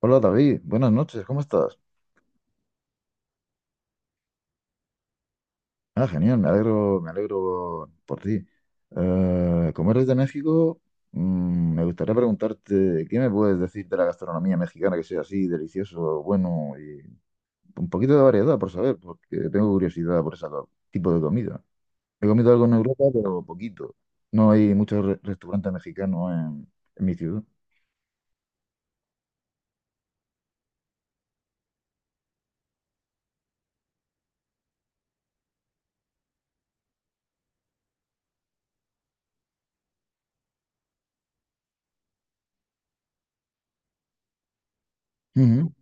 Hola David, buenas noches, ¿cómo estás? Ah, genial, me alegro por ti. Como eres de México, me gustaría preguntarte, ¿qué me puedes decir de la gastronomía mexicana que sea así, delicioso, bueno y un poquito de variedad por saber, porque tengo curiosidad por ese tipo de comida? He comido algo en Europa, pero poquito. No hay muchos restaurantes mexicanos en mi ciudad. Ujú.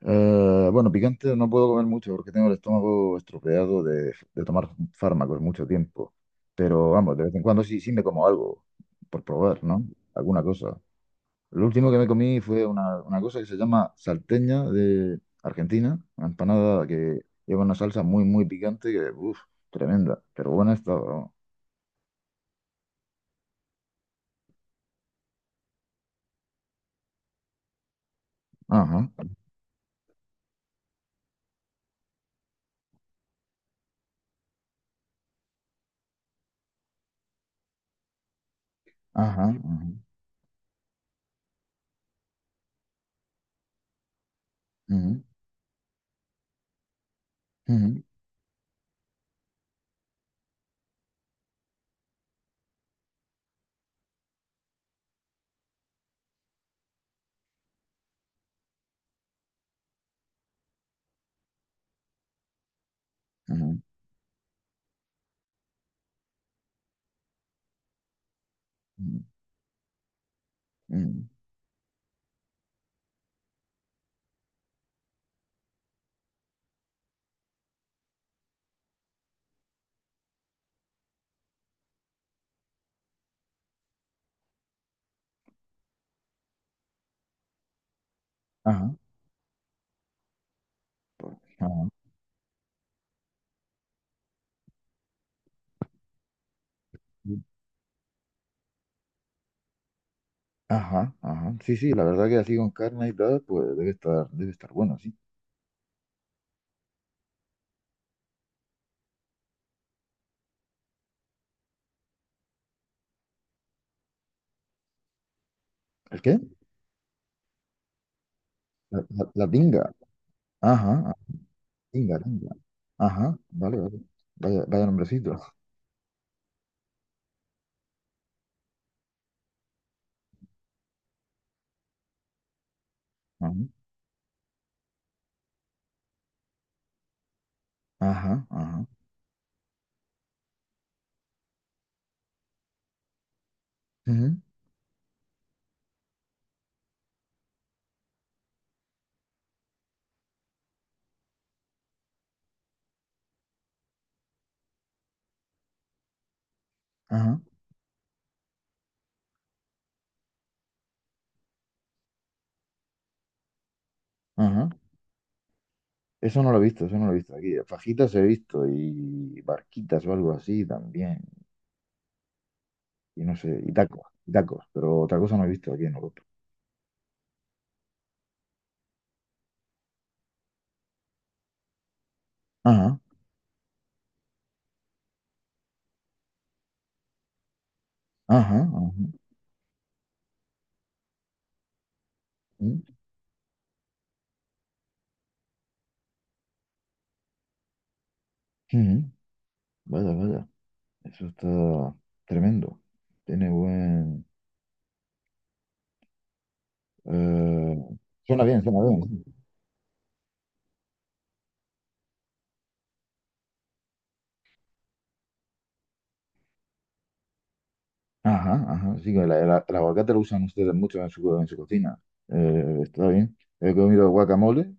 Bueno, picante no puedo comer mucho porque tengo el estómago estropeado de tomar fármacos mucho tiempo. Pero vamos, de vez en cuando sí, sí me como algo por probar, ¿no? Alguna cosa. Lo último que me comí fue una cosa que se llama salteña de Argentina, una empanada que lleva una salsa muy, muy picante que, uff, tremenda, pero buena estaba. Vamos. Ajá, ajá, ajá, ujú, ujú, ujú, ujú, ujú, ajá, ajá. Ajá, ajá. Sí, sí, la verdad que así con carne y tal, pues debe estar bueno, sí. ¿El qué? La tinga. Ajá, ah, tinga, tinga. Ajá, vale, vale. Vaya, vaya nombrecito. Ajá, ajá, ajá. Ujú. Ajá, ajá. Eso no lo he visto, eso no lo he visto aquí. Fajitas he visto y barquitas o algo así también. Y no sé, y tacos, pero otra cosa no he visto aquí en Europa. Ajá, ajá, ajá. Ujú, ujú. Vaya, vaya. Eso está tremendo. Tiene buen... Eh, suena bien, suena bien. Ajá, ajá. Sí, que el aguacate lo usan ustedes mucho en su cocina. Está bien. He comido guacamole,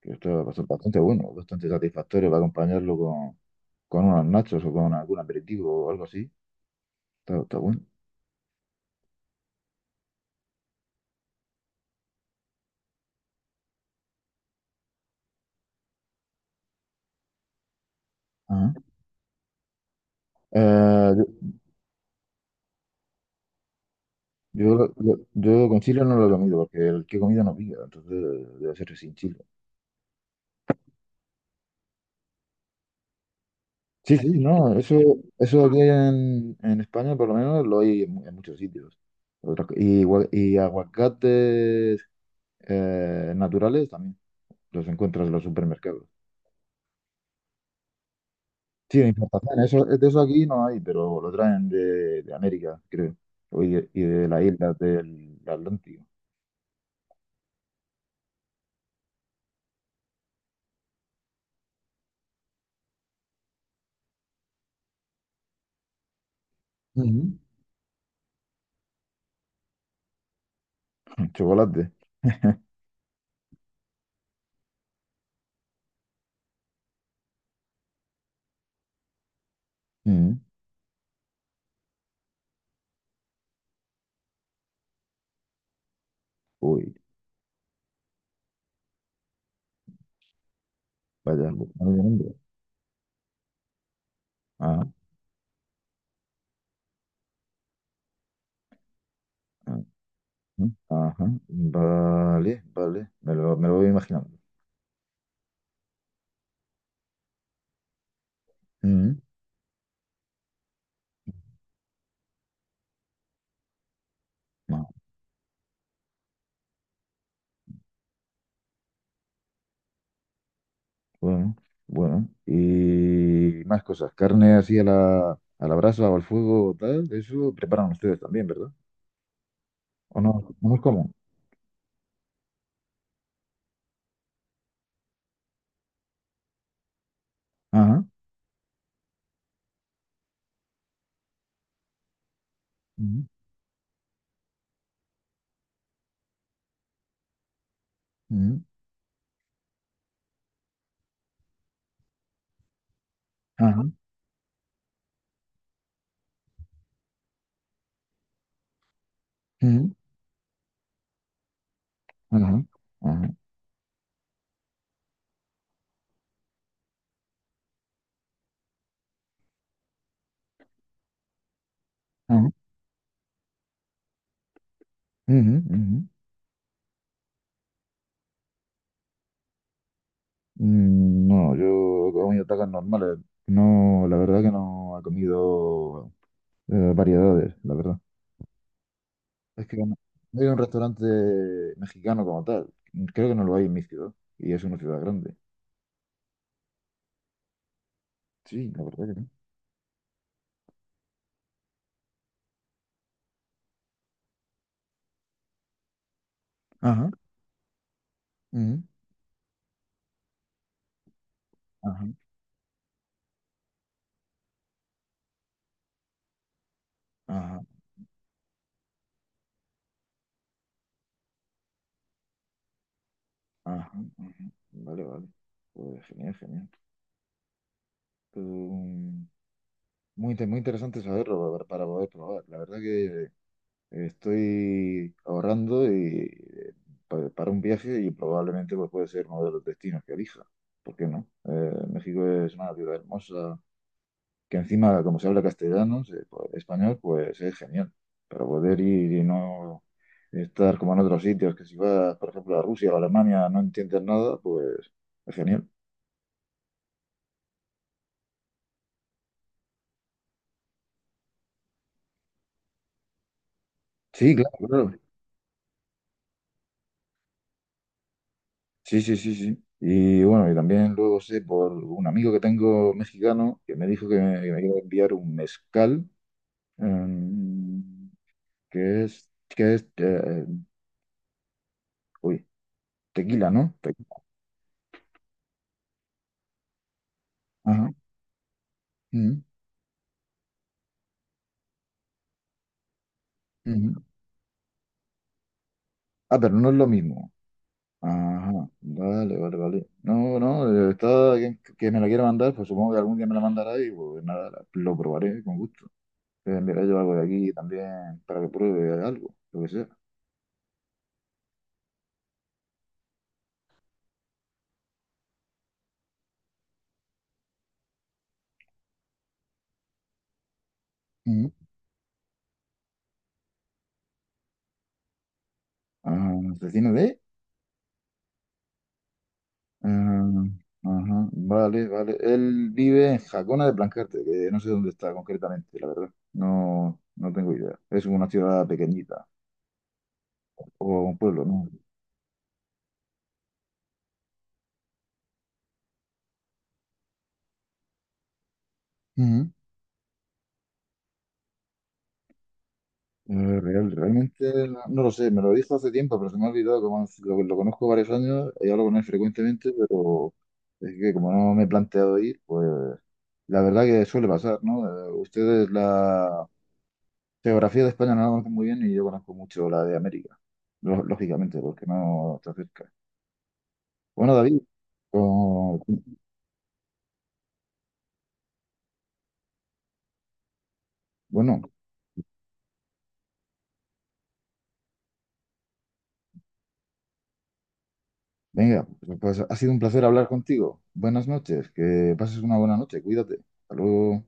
que esto es bastante bueno, bastante satisfactorio para acompañarlo con unos nachos o con algún aperitivo o algo así. Está, está bueno. Ajá. Eh, yo con chile no lo he comido porque el que he comido no pica, entonces debe ser sin chile. Sí, sí, no, eso aquí en España por lo menos lo hay en, en muchos sitios. Otra co- y, gua- y aguacates naturales también los encuentras en los supermercados. Sí, de importación, eso, de eso aquí no hay, pero lo traen de América, creo, o y de las islas del Atlántico. Ujú. Chocolate. Mm. Uy, vaya, vaya nombre. Ajá, ajá, ajá. Vale, vale, me lo voy imaginando. Mm. Bueno, bueno. Y más cosas. Carne así a la brasa o al fuego, tal. Eso preparan ustedes también, ¿verdad? ¿O no? ¿No es común? Ajá. Ujú, ujú. Ajá. Ujú. Ajá. Ajá. Ajá. Ujú, ujú. Mm. No, yo he comido tacos normales. No, la verdad que no he comido variedades, la verdad. Es que no no hay un restaurante mexicano como tal. Creo que no lo hay en mi ciudad. Y es una ciudad grande. Sí, la verdad que no. Ajá. Ajá, ajá, ajá, ajá. Vale, vale. Pues genial, genial. Pero, muy interesante saberlo para poder probar. La verdad que estoy ahorrando y para un viaje y probablemente pues, puede ser uno de los destinos que elija. ¿Por qué no? México es una ciudad hermosa, que encima, como se habla castellano, pues, español, pues es genial. Para poder ir y no estar como en otros sitios, que si vas, por ejemplo, a Rusia o a Alemania, no entiendes nada, pues es genial. Sí, claro, claro. Sí, sí, sí, sí. Y bueno, y también luego sé por un amigo que tengo mexicano que me dijo que me iba a enviar un mezcal, em, que es, uy, tequila, ¿no? Tequila. Ajá. Ujú, ujú. Ah, pero no es lo mismo. Ajá, vale, vale, vale. No, no, está quien que me la quiera mandar, pues supongo que algún día me la mandará y pues nada, lo probaré con gusto. Mira, yo algo de aquí también para que pruebe algo, lo que sea. Ujú. Ah, ¿vecino de? Ah, ajá, vale, vale. Él vive en Jacona de Plancarte, que no sé dónde está concretamente, la verdad. No, no tengo idea. Es una ciudad pequeñita o un pueblo, ¿no? Ujú. Eh, Realmente no, no lo sé, me lo dijo hace tiempo, pero se me ha olvidado, como lo conozco varios años y hablo con él frecuentemente, pero es que como no me he planteado ir, pues la verdad que suele pasar, ¿no? Ustedes la geografía de España no la conocen muy bien y yo conozco mucho la de América, lógicamente, porque no está cerca. Bueno, David, con- bueno, venga, pues ha sido un placer hablar contigo. Buenas noches, que pases una buena noche, cuídate. Hasta luego.